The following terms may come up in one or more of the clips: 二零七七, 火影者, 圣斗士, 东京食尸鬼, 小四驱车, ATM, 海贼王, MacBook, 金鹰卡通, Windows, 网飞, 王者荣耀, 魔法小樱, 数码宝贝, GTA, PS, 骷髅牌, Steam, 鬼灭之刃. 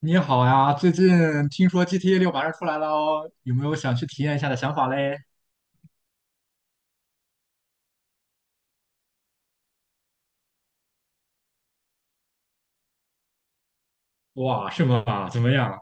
你好呀，最近听说 GTA 六马上出来了哦，有没有想去体验一下的想法嘞？哇，是吗？怎么样？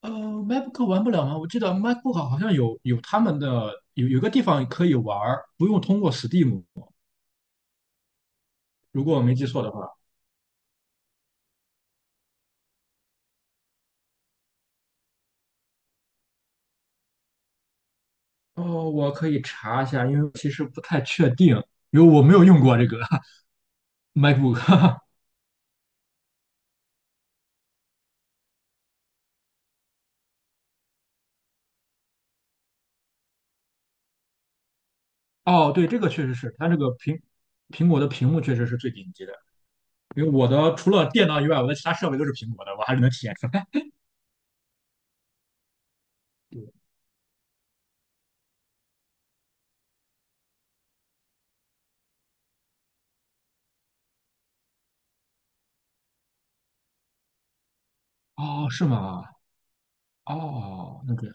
MacBook 玩不了吗？我记得 MacBook 好像有他们的有个地方可以玩儿，不用通过 Steam,如果我没记错的话。哦，我可以查一下，因为其实不太确定，因为我没有用过这个 MacBook。哦，对，这个确实是，它这个苹果的屏幕确实是最顶级的，因为我的除了电脑以外，我的其他设备都是苹果的，我还是能体验出来。哦，是吗？哦，那个，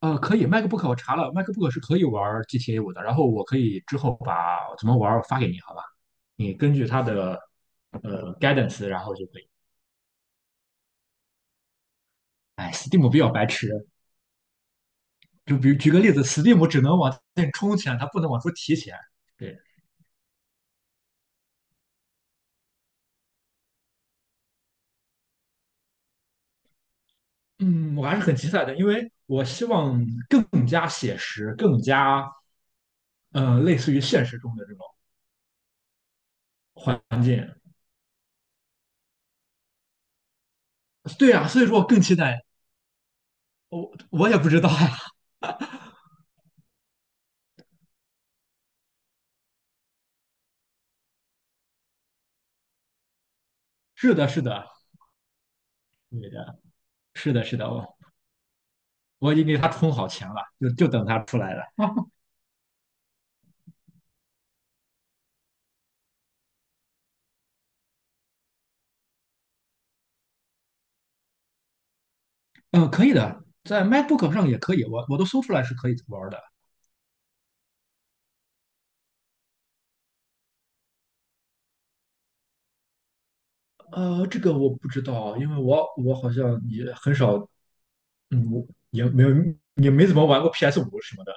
可以，MacBook 我查了，MacBook 是可以玩 GTA 五的，然后我可以之后把怎么玩儿发给你，好吧？你根据它的guidance,然后就可以。哎，Steam 比较白痴，就比如举个例子，Steam 只能往前充钱，它不能往出提钱。对，嗯，我还是很期待的，因为我希望更加写实，更加类似于现实中的这种环境。对啊，所以说我更期待。我也不知道呀。是的，是的，对的，是的，是的，我已经给他充好钱了，就等他出来了。嗯，可以的，在 MacBook 上也可以，我都搜出来是可以玩的。这个我不知道，因为我好像也很少，嗯，我也没有也没怎么玩过 PS 五什么的，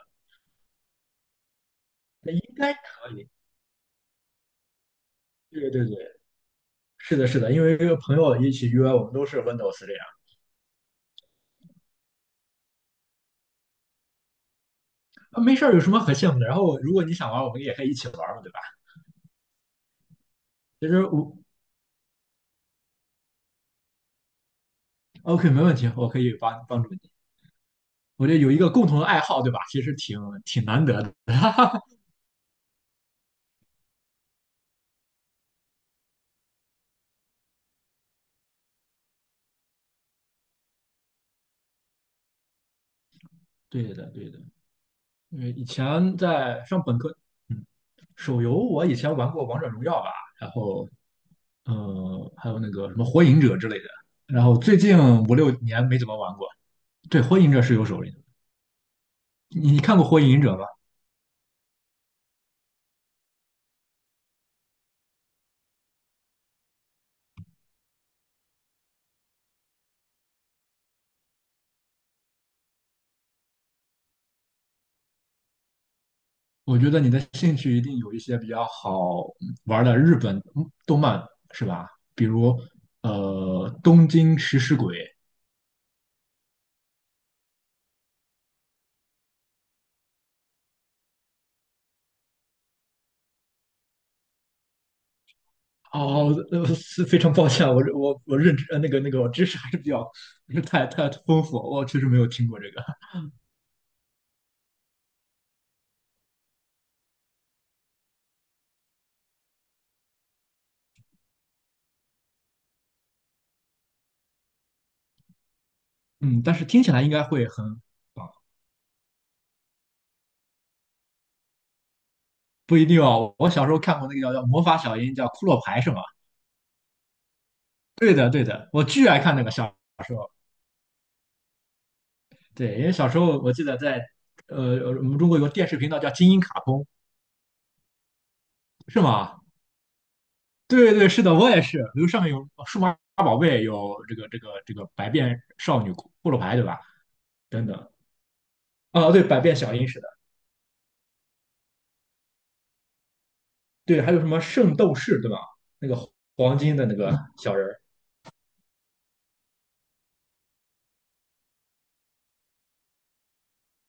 那应该可以。对对对，是的，是的，因为这个朋友一起约，我们都是 Windows 这样，啊，没事儿，有什么可羡慕的？然后如果你想玩，我们也可以一起玩嘛，对吧？其实我 OK,没问题，我可以帮助你。我觉得有一个共同的爱好，对吧？其实挺难得的。对的，对的，因为以前在上本科，嗯，手游我以前玩过《王者荣耀》吧，然后还有那个什么《火影者》之类的，然后最近五六年没怎么玩过。对，《火影者》是有手游的，你看过《火影者》吗？我觉得你的兴趣一定有一些比较好玩的日本动漫，是吧？比如东京食尸鬼》哦，是非常抱歉啊，我认知那个我知识还是比较不是太丰富，我确实没有听过这个，嗯，但是听起来应该会很啊，不一定哦。我小时候看过那个叫魔法小樱，叫骷髅牌是吗？对的对的，我巨爱看那个小时候，对，因为小时候我记得在我们中国有个电视频道叫金鹰卡通，是吗？对对是的，我也是，比如上面有数码宝贝，有这个百变少女骷髅牌，对吧？等等，啊，对，百变小樱是。的。对，还有什么圣斗士，对吧？那个黄金的那个小人儿，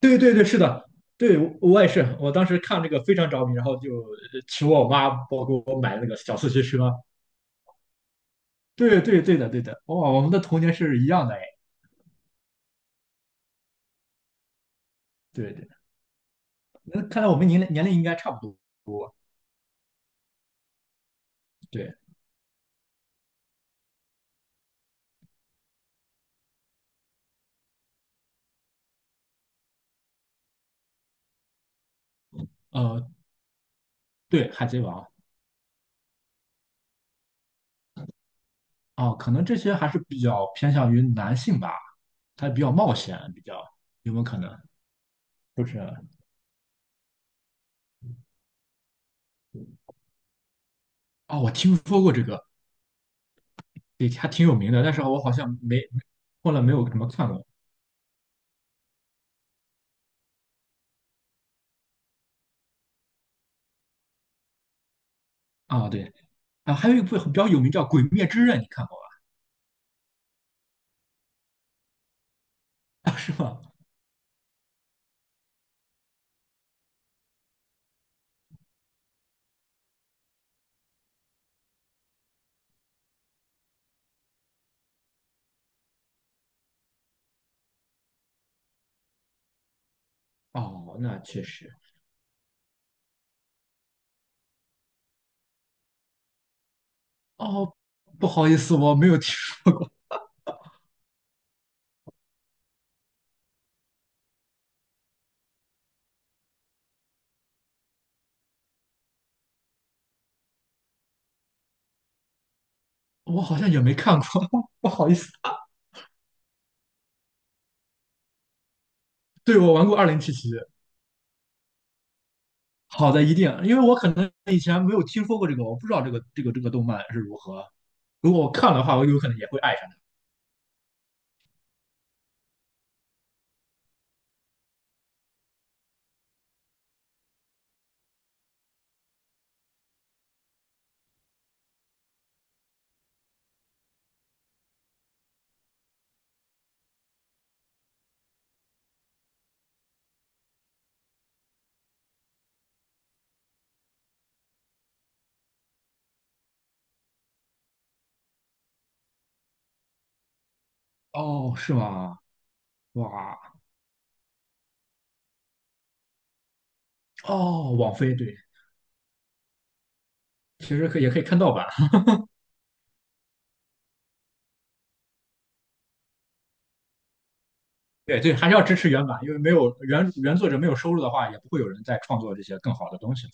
对对对，是的，对我也是，我当时看这个非常着迷，然后就求我妈帮给我买那个小四驱车。对对对的对的，哇，我们的童年是一样的哎。对对，那看来我们年龄应该差不多。对，呃，对，海贼王啊，可能这些还是比较偏向于男性吧，它比较冒险，比较有没有可能？就是啊，我听说过这个，对，还挺有名的，但是我好像没后来没有怎么看过啊。对啊，还有一部比较有名叫《鬼灭之刃》，你看过啊 是吗？哦，那确实。哦，不好意思，我没有听说过，我好像也没看过，不好意思。对，我玩过《二零七七》。好的，一定，因为我可能以前没有听说过这个，我不知道这个动漫是如何。如果我看的话，我有可能也会爱上它。哦，是吗？哇，哦，网飞对，其实可以也可以看盗版。对对，还是要支持原版，因为没有原作者没有收入的话，也不会有人再创作这些更好的东西，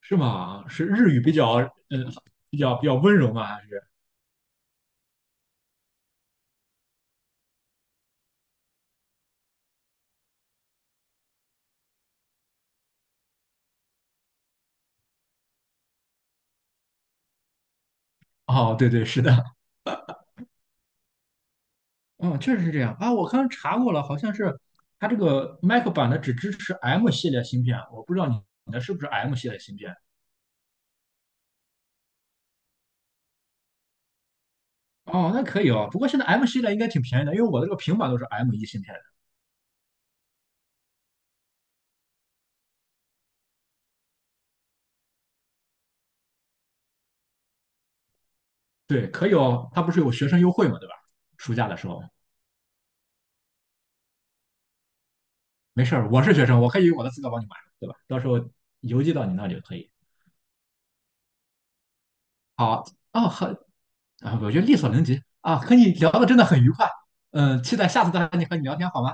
是吗？是日语比较，嗯，比较温柔吗？还是？哦，对对，是的，嗯，确实是这样啊。我刚刚查过了，好像是它这个 Mac 版的只支持 M 系列芯片，我不知道你的是不是 M 系列芯片。哦，那可以哦。不过现在 M 系列应该挺便宜的，因为我的这个平板都是 M 一芯片的。对，可以哦。它不是有学生优惠嘛，对吧？暑假的时候。没事儿，我是学生，我可以用我的资格帮你买，对吧？到时候邮寄到你那里就可以。好，哦，很啊，我觉得力所能及啊，和你聊的真的很愉快。嗯，期待下次再和你聊天好吗？